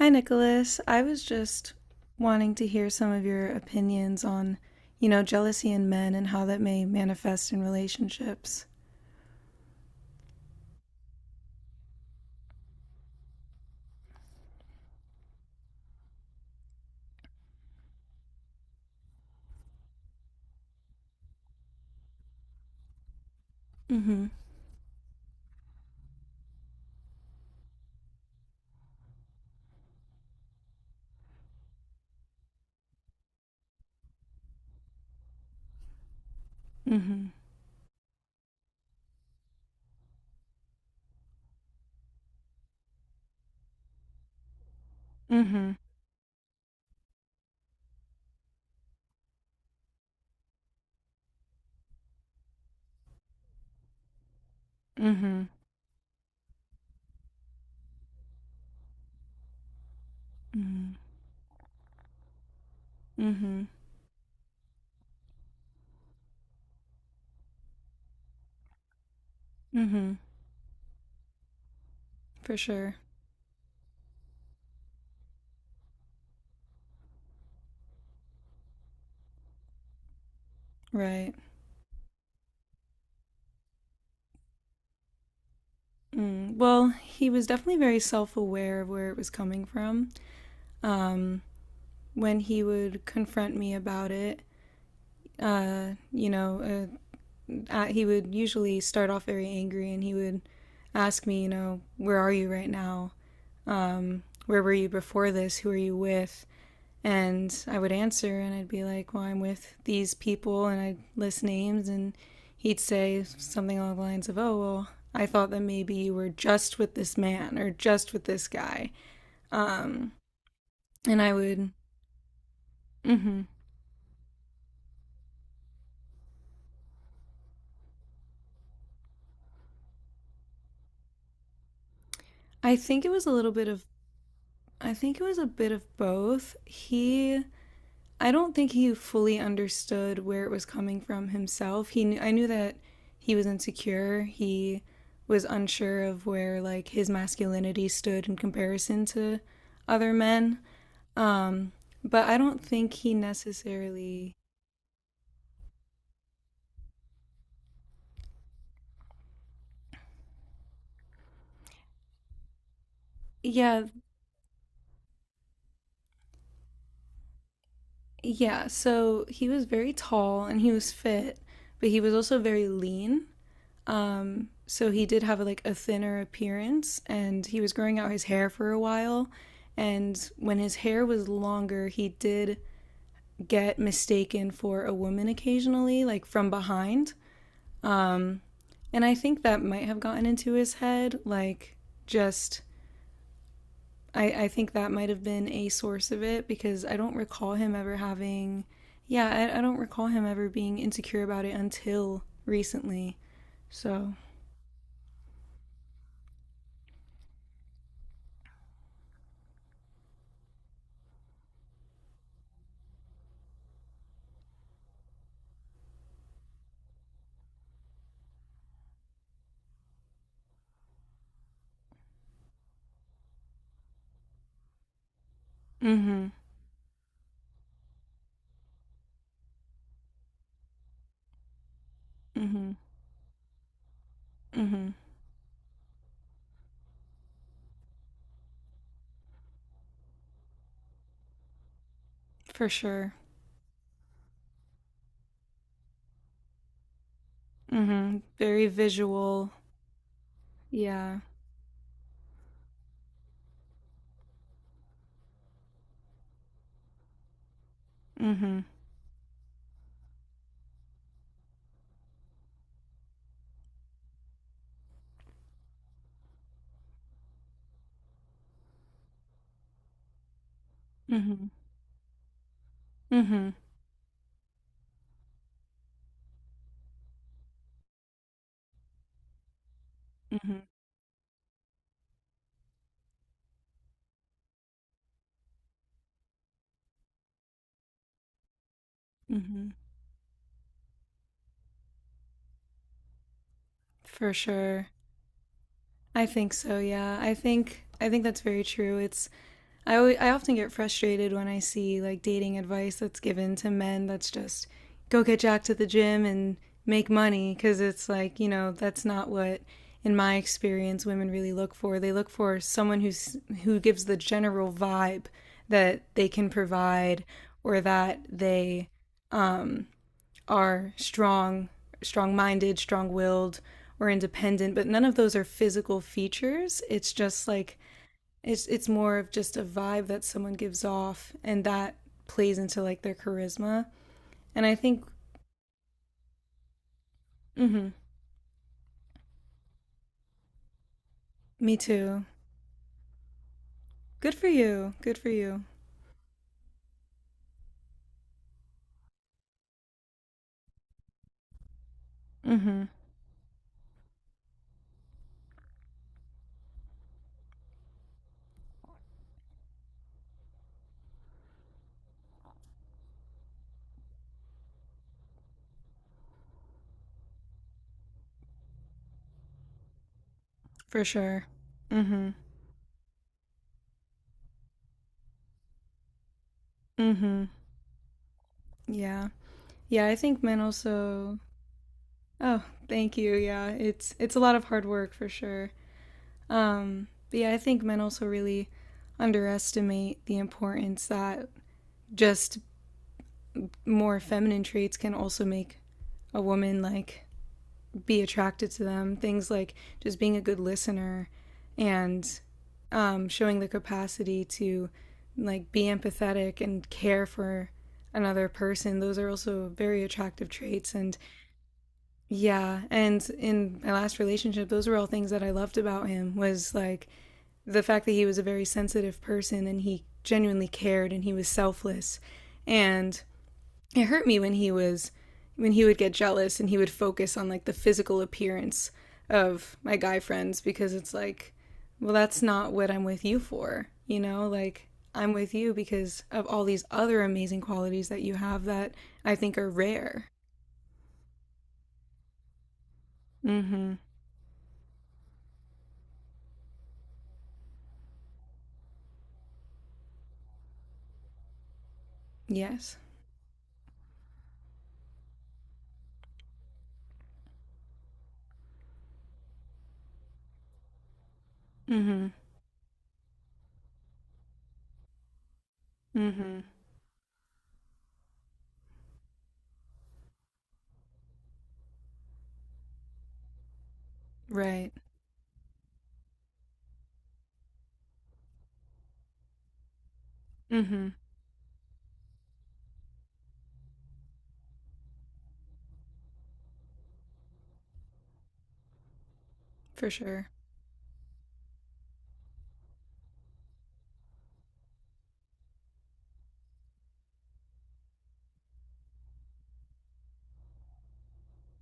Hi, Nicholas. I was just wanting to hear some of your opinions on, jealousy in men and how that may manifest in relationships. Mm-hmm. Mm-hmm. Mm-hmm. Mm-hmm. Mm-hmm. Mm-hmm. Mm-hmm. For sure. Right. Mm. Well, he was definitely very self-aware of where it was coming from. Um, when he would confront me about it, you know, he would usually start off very angry and he would ask me, you know, where are you right now? Where were you before this? Who are you with? And I would answer and I'd be like, well, I'm with these people and I'd list names and he'd say something along the lines of, oh, well, I thought that maybe you were just with this man or just with this guy. Um, and I would, mm I think it was a little bit of, I think it was a bit of both. He I don't think he fully understood where it was coming from himself. He knew, I knew that he was insecure. He was unsure of where like his masculinity stood in comparison to other men. Um, but I don't think he necessarily. Yeah, yeah. So he was very tall and he was fit, but he was also very lean. So he did have a, like a thinner appearance, and he was growing out his hair for a while. And when his hair was longer, he did get mistaken for a woman occasionally, like from behind. Um, and I think that might have gotten into his head, like just I think that might have been a source of it because I don't recall him ever having, yeah, I don't recall him ever being insecure about it until recently. So, mm hmm, mm hmm, mm hmm. For sure. Mm-hmm. Very visual. Yeah. Mm-hmm. Mm-hmm. Mm-hmm. Mm-hmm. Mm-hmm. For sure. I think so, yeah. I think that's very true. I often get frustrated when I see like dating advice that's given to men that's just go get jacked at the gym and make money because it's like, you know, that's not what in my experience women really look for. They look for someone who's who gives the general vibe that they can provide or that they are strong, strong-minded, strong-willed or independent, but none of those are physical features. It's just like it's more of just a vibe that someone gives off, and that plays into like their charisma. And I think, mm-hmm, me too. Good for you. Good for you. Mm-hmm. For sure. Mm-hmm. Mm-hmm. Yeah. Yeah. I think men also. Oh, thank you. Yeah. It's a lot of hard work for sure. But yeah, I think men also really underestimate the importance that just more feminine traits can also make a woman like be attracted to them. Things like just being a good listener and showing the capacity to like be empathetic and care for another person. Those are also very attractive traits. And yeah, and in my last relationship, those were all things that I loved about him was like the fact that he was a very sensitive person and he genuinely cared and he was selfless. And it hurt me when he would get jealous and he would focus on like the physical appearance of my guy friends because it's like, well, that's not what I'm with you for, you know, like I'm with you because of all these other amazing qualities that you have that I think are rare. Mhm. Yes. Mhm. Mhm. Right. Mhm. For sure.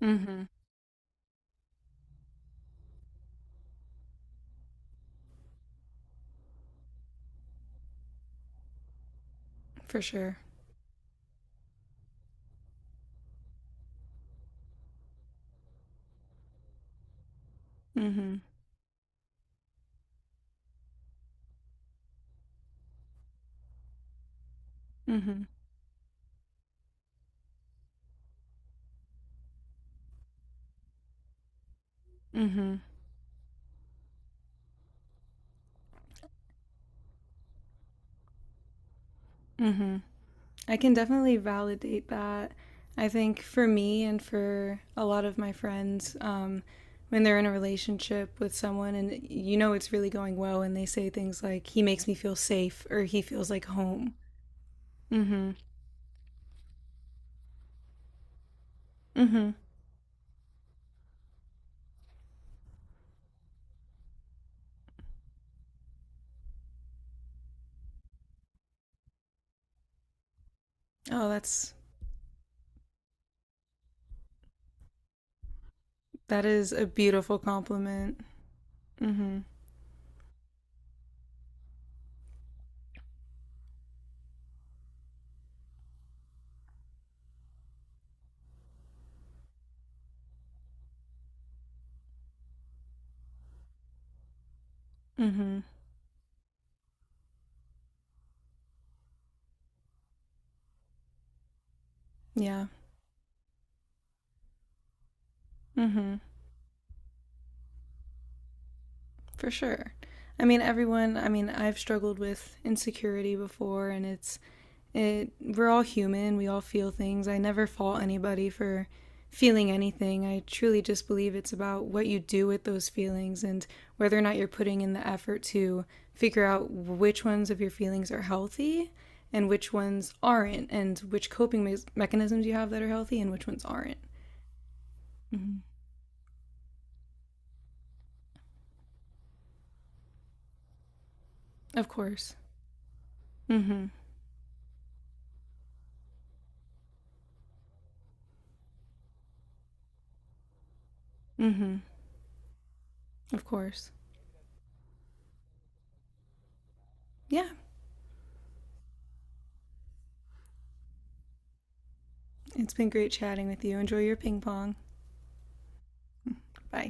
Mhm. For sure. Mhm. Mhm. Mhm. I can definitely validate that. I think for me and for a lot of my friends, when they're in a relationship with someone and you know it's really going well, and they say things like, he makes me feel safe or he feels like home. Mm hmm. Mm hmm. Oh, that's, that is a beautiful compliment. Mm hmm. Mm hmm. Yeah. Mm hmm. For sure. I mean, everyone, I mean, I've struggled with insecurity before, and it's It we're all human, we all feel things. I never fault anybody for feeling anything. I truly just believe it's about what you do with those feelings and whether or not you're putting in the effort to figure out which ones of your feelings are healthy and which ones aren't and which coping me- mechanisms you have that are healthy and which ones aren't. Mm-hmm. Of course. Mm. Mhm. Mm. Mhm. Of course. Yeah. It's been great chatting with you. Enjoy your ping pong. Bye.